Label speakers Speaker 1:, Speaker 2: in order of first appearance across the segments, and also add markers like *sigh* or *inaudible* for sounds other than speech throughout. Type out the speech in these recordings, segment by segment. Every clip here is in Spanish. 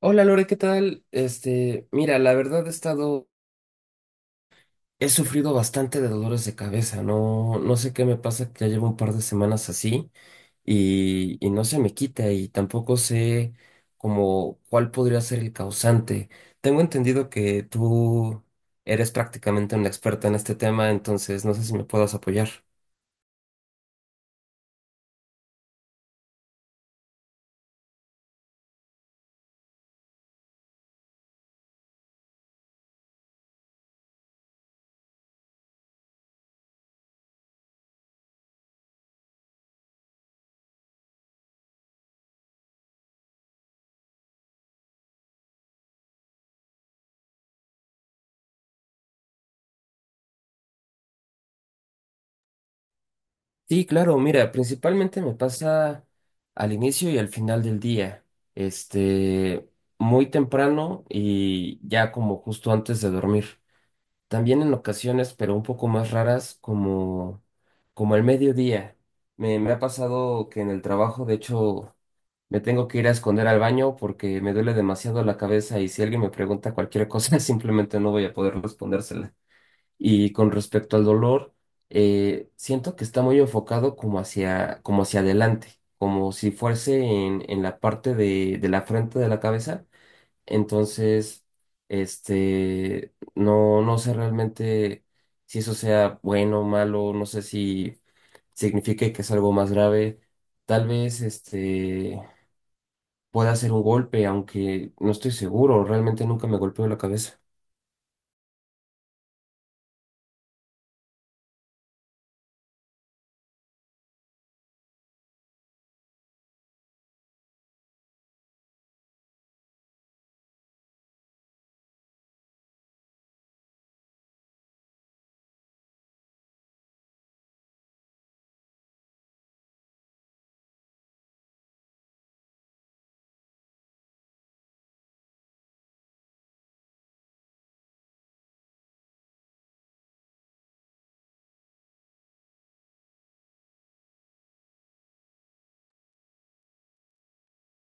Speaker 1: Hola Lore, ¿qué tal? Mira, la verdad he sufrido bastante de dolores de cabeza, no, no sé qué me pasa que ya llevo un par de semanas así y no se me quita y tampoco sé como cuál podría ser el causante. Tengo entendido que tú eres prácticamente una experta en este tema, entonces no sé si me puedas apoyar. Sí, claro, mira, principalmente me pasa al inicio y al final del día, este, muy temprano y ya como justo antes de dormir. También en ocasiones, pero un poco más raras, como el mediodía. Me ha pasado que en el trabajo, de hecho, me tengo que ir a esconder al baño porque me duele demasiado la cabeza y si alguien me pregunta cualquier cosa, *laughs* simplemente no voy a poder respondérsela. Y con respecto al dolor, siento que está muy enfocado como hacia adelante, como si fuese en la parte de la frente de la cabeza. Entonces, no, no sé realmente si eso sea bueno o malo, no sé si signifique que es algo más grave. Tal vez, pueda ser un golpe, aunque no estoy seguro, realmente nunca me golpeó la cabeza.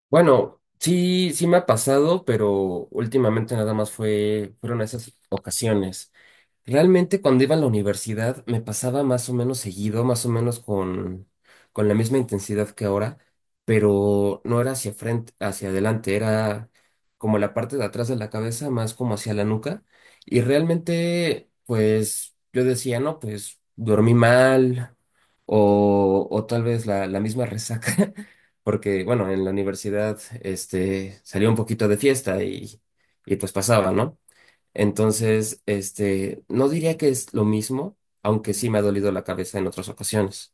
Speaker 1: Bueno, sí, sí me ha pasado, pero últimamente nada más fueron esas ocasiones. Realmente cuando iba a la universidad me pasaba más o menos seguido, más o menos con la misma intensidad que ahora, pero no era hacia frente, hacia adelante, era como la parte de atrás de la cabeza, más como hacia la nuca. Y realmente, pues yo decía, no, pues dormí mal o tal vez la misma resaca. *laughs* Porque, bueno, en la universidad, salía un poquito de fiesta y pues pasaba, ¿no? Entonces, no diría que es lo mismo, aunque sí me ha dolido la cabeza en otras ocasiones.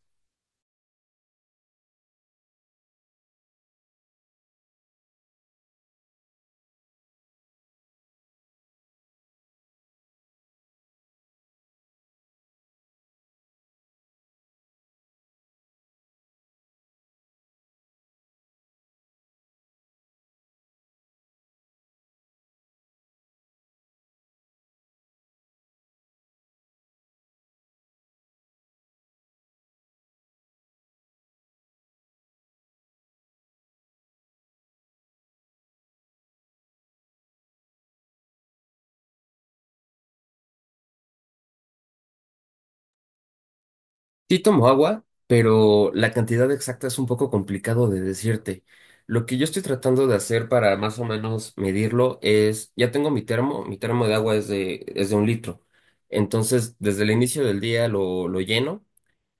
Speaker 1: Sí tomo agua, pero la cantidad exacta es un poco complicado de decirte. Lo que yo estoy tratando de hacer para más o menos medirlo es, ya tengo mi termo de agua es de un litro. Entonces, desde el inicio del día lo lleno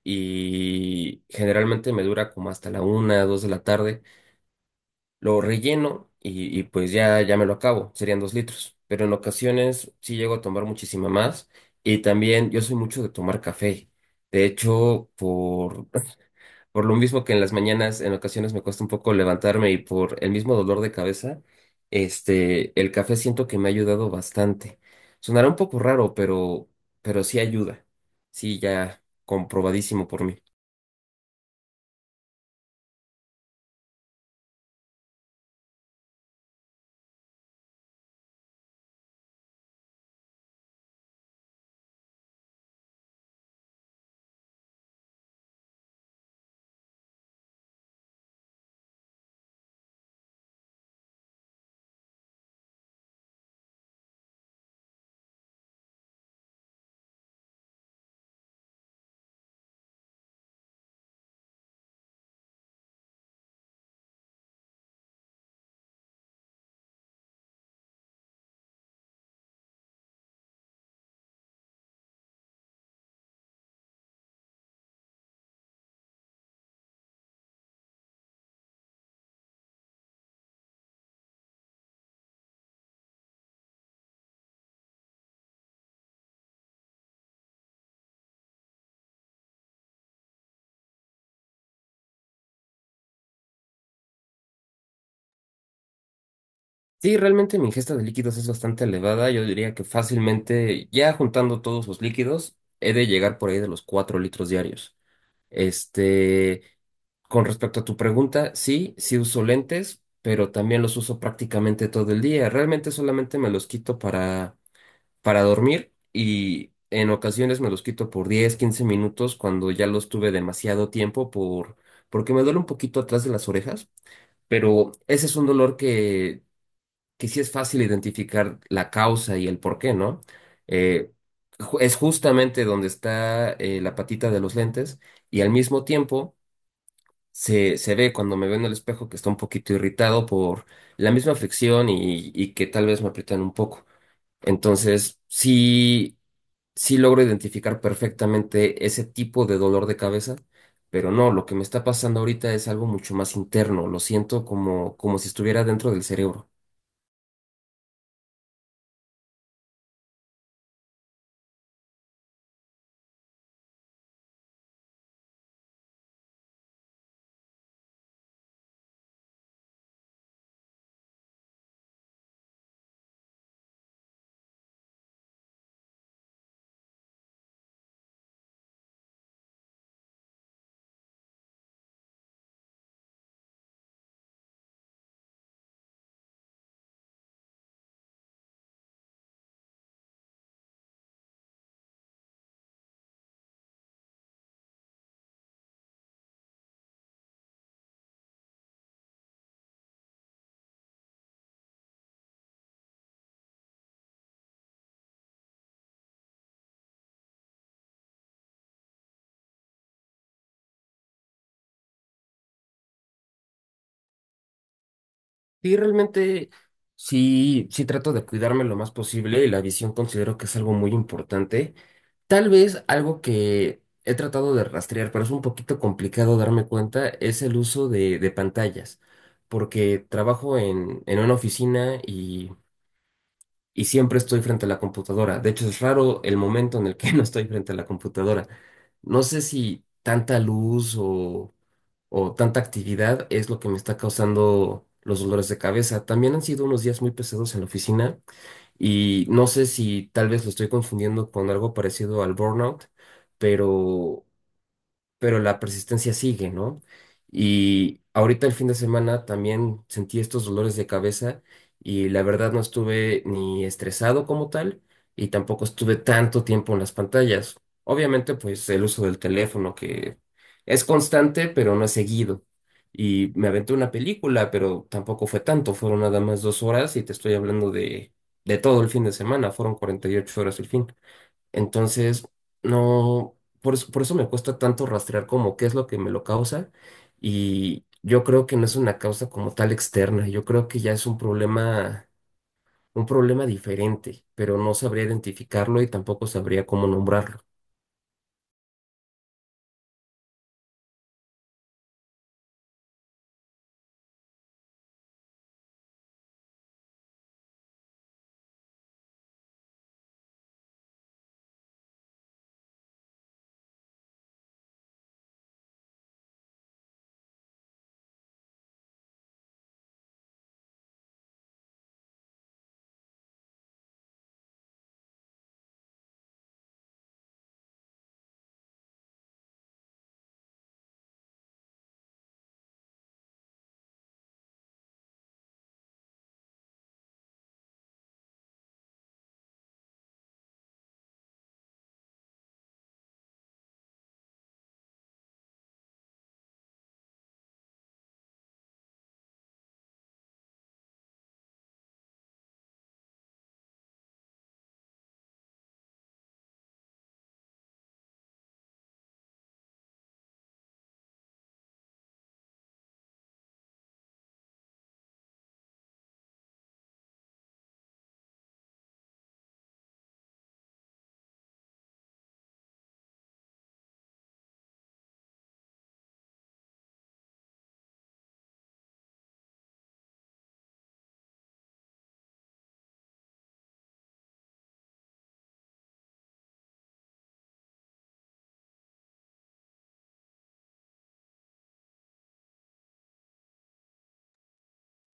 Speaker 1: y generalmente me dura como hasta la una, dos de la tarde. Lo relleno y pues ya, ya me lo acabo, serían 2 litros. Pero en ocasiones sí llego a tomar muchísima más y también yo soy mucho de tomar café. De hecho, *clears throat* *laughs* por lo mismo que en las mañanas en ocasiones me cuesta un poco levantarme y por el mismo dolor de cabeza, el café siento que me ha ayudado bastante. Sonará un poco raro, pero sí ayuda. Sí, ya comprobadísimo por mí. Sí, realmente mi ingesta de líquidos es bastante elevada. Yo diría que fácilmente, ya juntando todos los líquidos, he de llegar por ahí de los 4 litros diarios. Este, con respecto a tu pregunta, sí, sí uso lentes, pero también los uso prácticamente todo el día. Realmente solamente me los quito para dormir y en ocasiones me los quito por 10, 15 minutos cuando ya los tuve demasiado tiempo porque me duele un poquito atrás de las orejas, pero ese es un dolor que sí es fácil identificar la causa y el por qué, ¿no? Eh, es justamente donde está la patita de los lentes y al mismo tiempo se ve cuando me veo en el espejo que está un poquito irritado por la misma fricción y que tal vez me aprietan un poco. Entonces, sí, sí logro identificar perfectamente ese tipo de dolor de cabeza. Pero no, lo que me está pasando ahorita es algo mucho más interno, lo siento como si estuviera dentro del cerebro. Sí, realmente sí, sí trato de cuidarme lo más posible y la visión considero que es algo muy importante. Tal vez algo que he tratado de rastrear, pero es un poquito complicado darme cuenta, es el uso de pantallas, porque trabajo en una oficina y siempre estoy frente a la computadora. De hecho, es raro el momento en el que *laughs* no estoy frente a la computadora. No sé si tanta luz o tanta actividad es lo que me está causando los dolores de cabeza. También han sido unos días muy pesados en la oficina y no sé si tal vez lo estoy confundiendo con algo parecido al burnout, pero pero la persistencia sigue, ¿no? Y ahorita el fin de semana también sentí estos dolores de cabeza y la verdad no estuve ni estresado como tal y tampoco estuve tanto tiempo en las pantallas. Obviamente, pues el uso del teléfono que es constante, pero no es seguido. Y me aventé una película, pero tampoco fue tanto, fueron nada más 2 horas y te estoy hablando de todo el fin de semana, fueron 48 horas el fin. Entonces, no, por eso me cuesta tanto rastrear como qué es lo que me lo causa y yo creo que no es una causa como tal externa, yo creo que ya es un problema diferente, pero no sabría identificarlo y tampoco sabría cómo nombrarlo.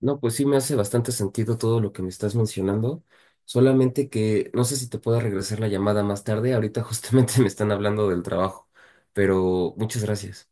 Speaker 1: No, pues sí me hace bastante sentido todo lo que me estás mencionando, solamente que no sé si te pueda regresar la llamada más tarde, ahorita justamente *laughs* me están hablando del trabajo, pero muchas gracias.